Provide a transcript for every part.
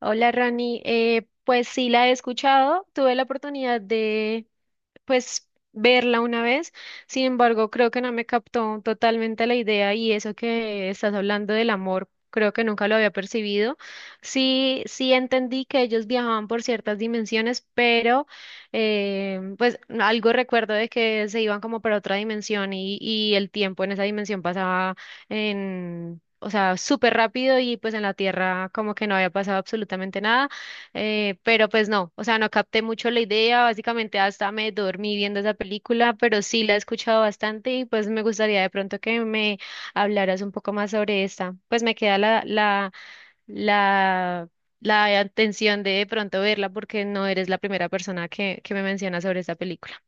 Hola Rani, pues sí la he escuchado, tuve la oportunidad de, pues verla una vez. Sin embargo, creo que no me captó totalmente la idea y eso que estás hablando del amor, creo que nunca lo había percibido. Sí, entendí que ellos viajaban por ciertas dimensiones, pero pues algo recuerdo de que se iban como para otra dimensión y el tiempo en esa dimensión pasaba en... O sea, súper rápido y pues en la Tierra como que no había pasado absolutamente nada. Pero pues no, o sea, no capté mucho la idea, básicamente hasta me dormí viendo esa película, pero sí la he escuchado bastante y pues me gustaría de pronto que me hablaras un poco más sobre esta. Pues me queda la, la atención de pronto verla porque no eres la primera persona que me menciona sobre esta película.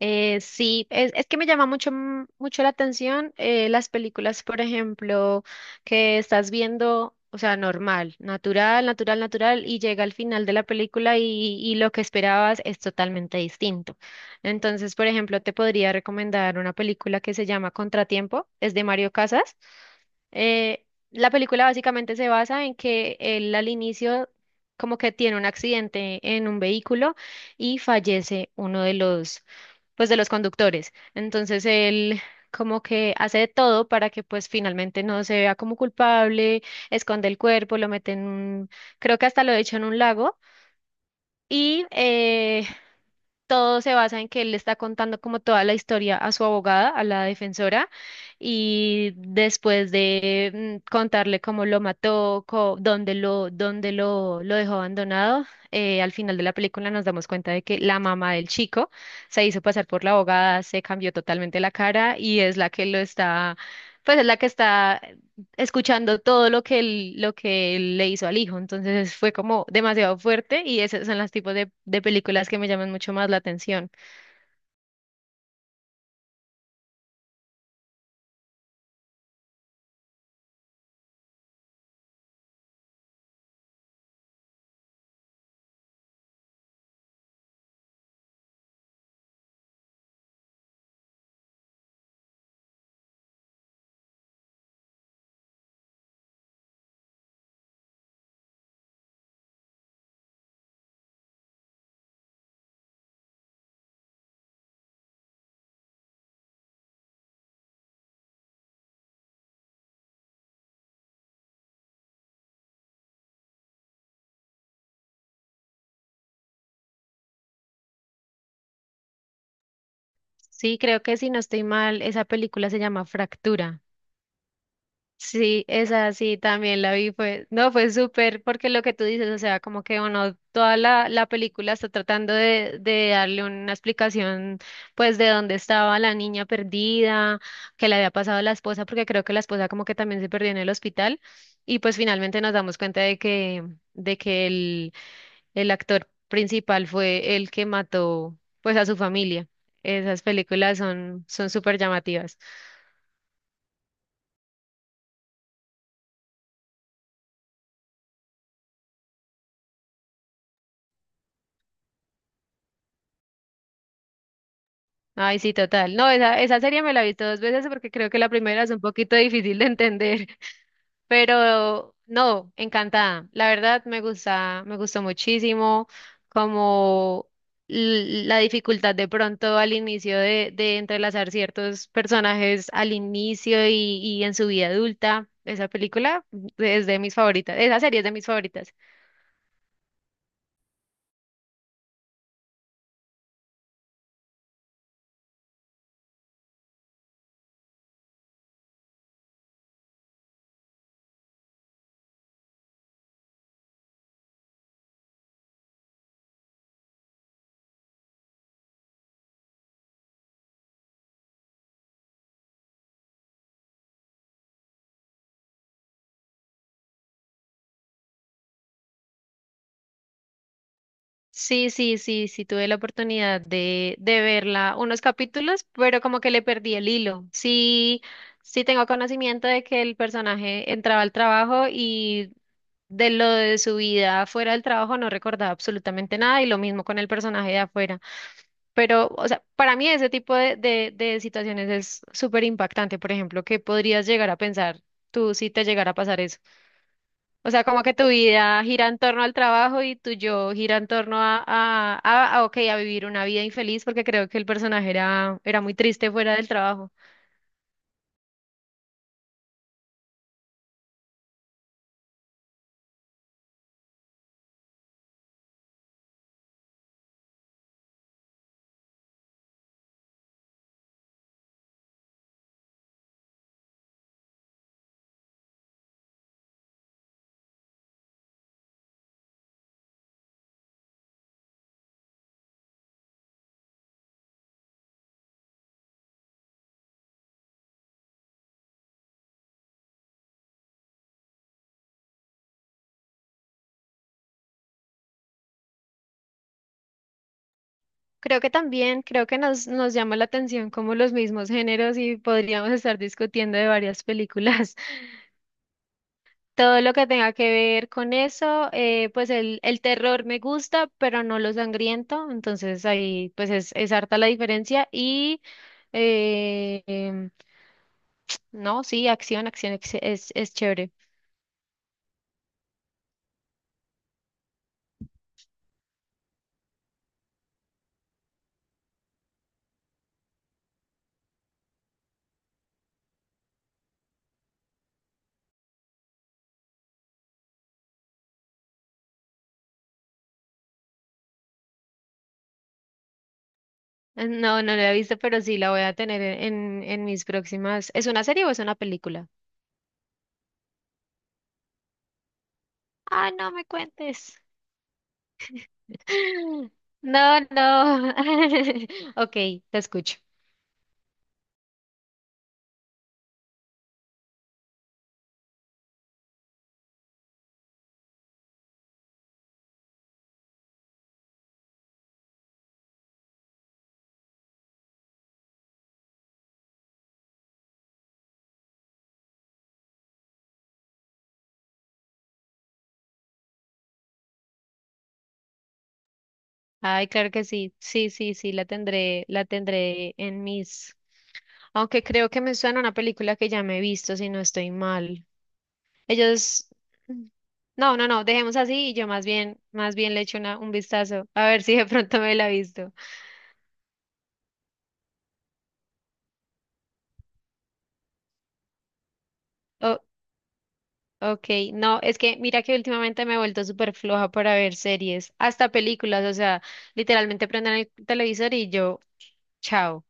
Sí, es que me llama mucho, mucho la atención las películas, por ejemplo, que estás viendo, o sea, normal, natural, natural, natural, y llega al final de la película y lo que esperabas es totalmente distinto. Entonces, por ejemplo, te podría recomendar una película que se llama Contratiempo, es de Mario Casas. Eh, la película básicamente se basa en que él al inicio como que tiene un accidente en un vehículo y fallece uno de los, pues de los conductores. Entonces él como que hace de todo para que pues finalmente no se vea como culpable, esconde el cuerpo, lo mete en un, creo que hasta lo echa en un lago y todo se basa en que él le está contando como toda la historia a su abogada, a la defensora, y después de contarle cómo lo mató, dónde lo, lo dejó abandonado, al final de la película nos damos cuenta de que la mamá del chico se hizo pasar por la abogada, se cambió totalmente la cara y es la que lo está, pues es la que está escuchando todo lo que él le hizo al hijo. Entonces fue como demasiado fuerte y esos son los tipos de películas que me llaman mucho más la atención. Sí, creo que si no estoy mal, esa película se llama Fractura. Sí, esa sí también la vi, fue, no, fue súper, porque lo que tú dices, o sea, como que uno, toda la película está tratando de darle una explicación, pues, de dónde estaba la niña perdida, que le había pasado a la esposa, porque creo que la esposa como que también se perdió en el hospital, y pues finalmente nos damos cuenta de que el actor principal fue el que mató, pues, a su familia. Esas películas son, son súper llamativas. Ay, sí, total. No, esa serie me la he visto dos veces porque creo que la primera es un poquito difícil de entender, pero no, encantada. La verdad me gusta, me gustó muchísimo como la dificultad de pronto al inicio de entrelazar ciertos personajes al inicio y en su vida adulta. Esa película es de mis favoritas, esa serie es de mis favoritas. Sí, tuve la oportunidad de verla unos capítulos, pero como que le perdí el hilo. Sí, sí tengo conocimiento de que el personaje entraba al trabajo y de lo de su vida fuera del trabajo no recordaba absolutamente nada y lo mismo con el personaje de afuera. Pero, o sea, para mí ese tipo de situaciones es súper impactante, por ejemplo, que podrías llegar a pensar tú si te llegara a pasar eso. O sea, como que tu vida gira en torno al trabajo y tu yo gira en torno a, ok, a vivir una vida infeliz, porque creo que el personaje era, era muy triste fuera del trabajo. Creo que también, creo que nos, nos llama la atención como los mismos géneros y podríamos estar discutiendo de varias películas. Todo lo que tenga que ver con eso, pues el terror me gusta, pero no lo sangriento, entonces ahí pues es harta la diferencia y... em, No, sí, acción, acción, es chévere. No, no la he visto, pero sí la voy a tener en mis próximas. ¿Es una serie o es una película? Ah, no me cuentes. No, no. Ok, te escucho. Ay, claro que sí. Sí, sí, sí, la tendré en mis. Aunque creo que me suena una película que ya me he visto, si no estoy mal. Ellos. No, no, no, dejemos así y yo más bien le echo una, un vistazo a ver si de pronto me la he visto. Ok, no, es que mira que últimamente me he vuelto súper floja para ver series, hasta películas, o sea, literalmente prenden el televisor y yo, chao.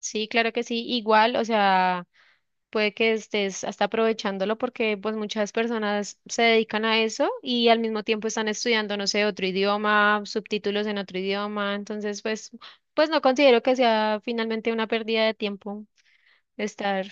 Sí, claro que sí, igual, o sea, puede que estés hasta aprovechándolo porque pues muchas personas se dedican a eso y al mismo tiempo están estudiando, no sé, otro idioma, subtítulos en otro idioma, entonces pues, pues no considero que sea finalmente una pérdida de tiempo estar.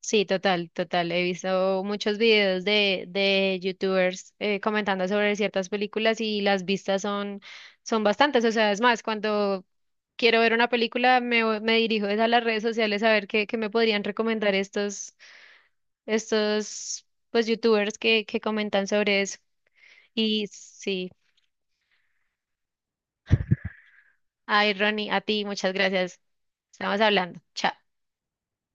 Sí, total, total. He visto muchos videos de YouTubers comentando sobre ciertas películas y las vistas son, son bastantes. O sea, es más, cuando quiero ver una película me dirijo es a las redes sociales a ver qué, qué me podrían recomendar estos, estos pues YouTubers que comentan sobre eso. Y sí, ay, Ronnie, a ti, muchas gracias. Estamos hablando. Chao.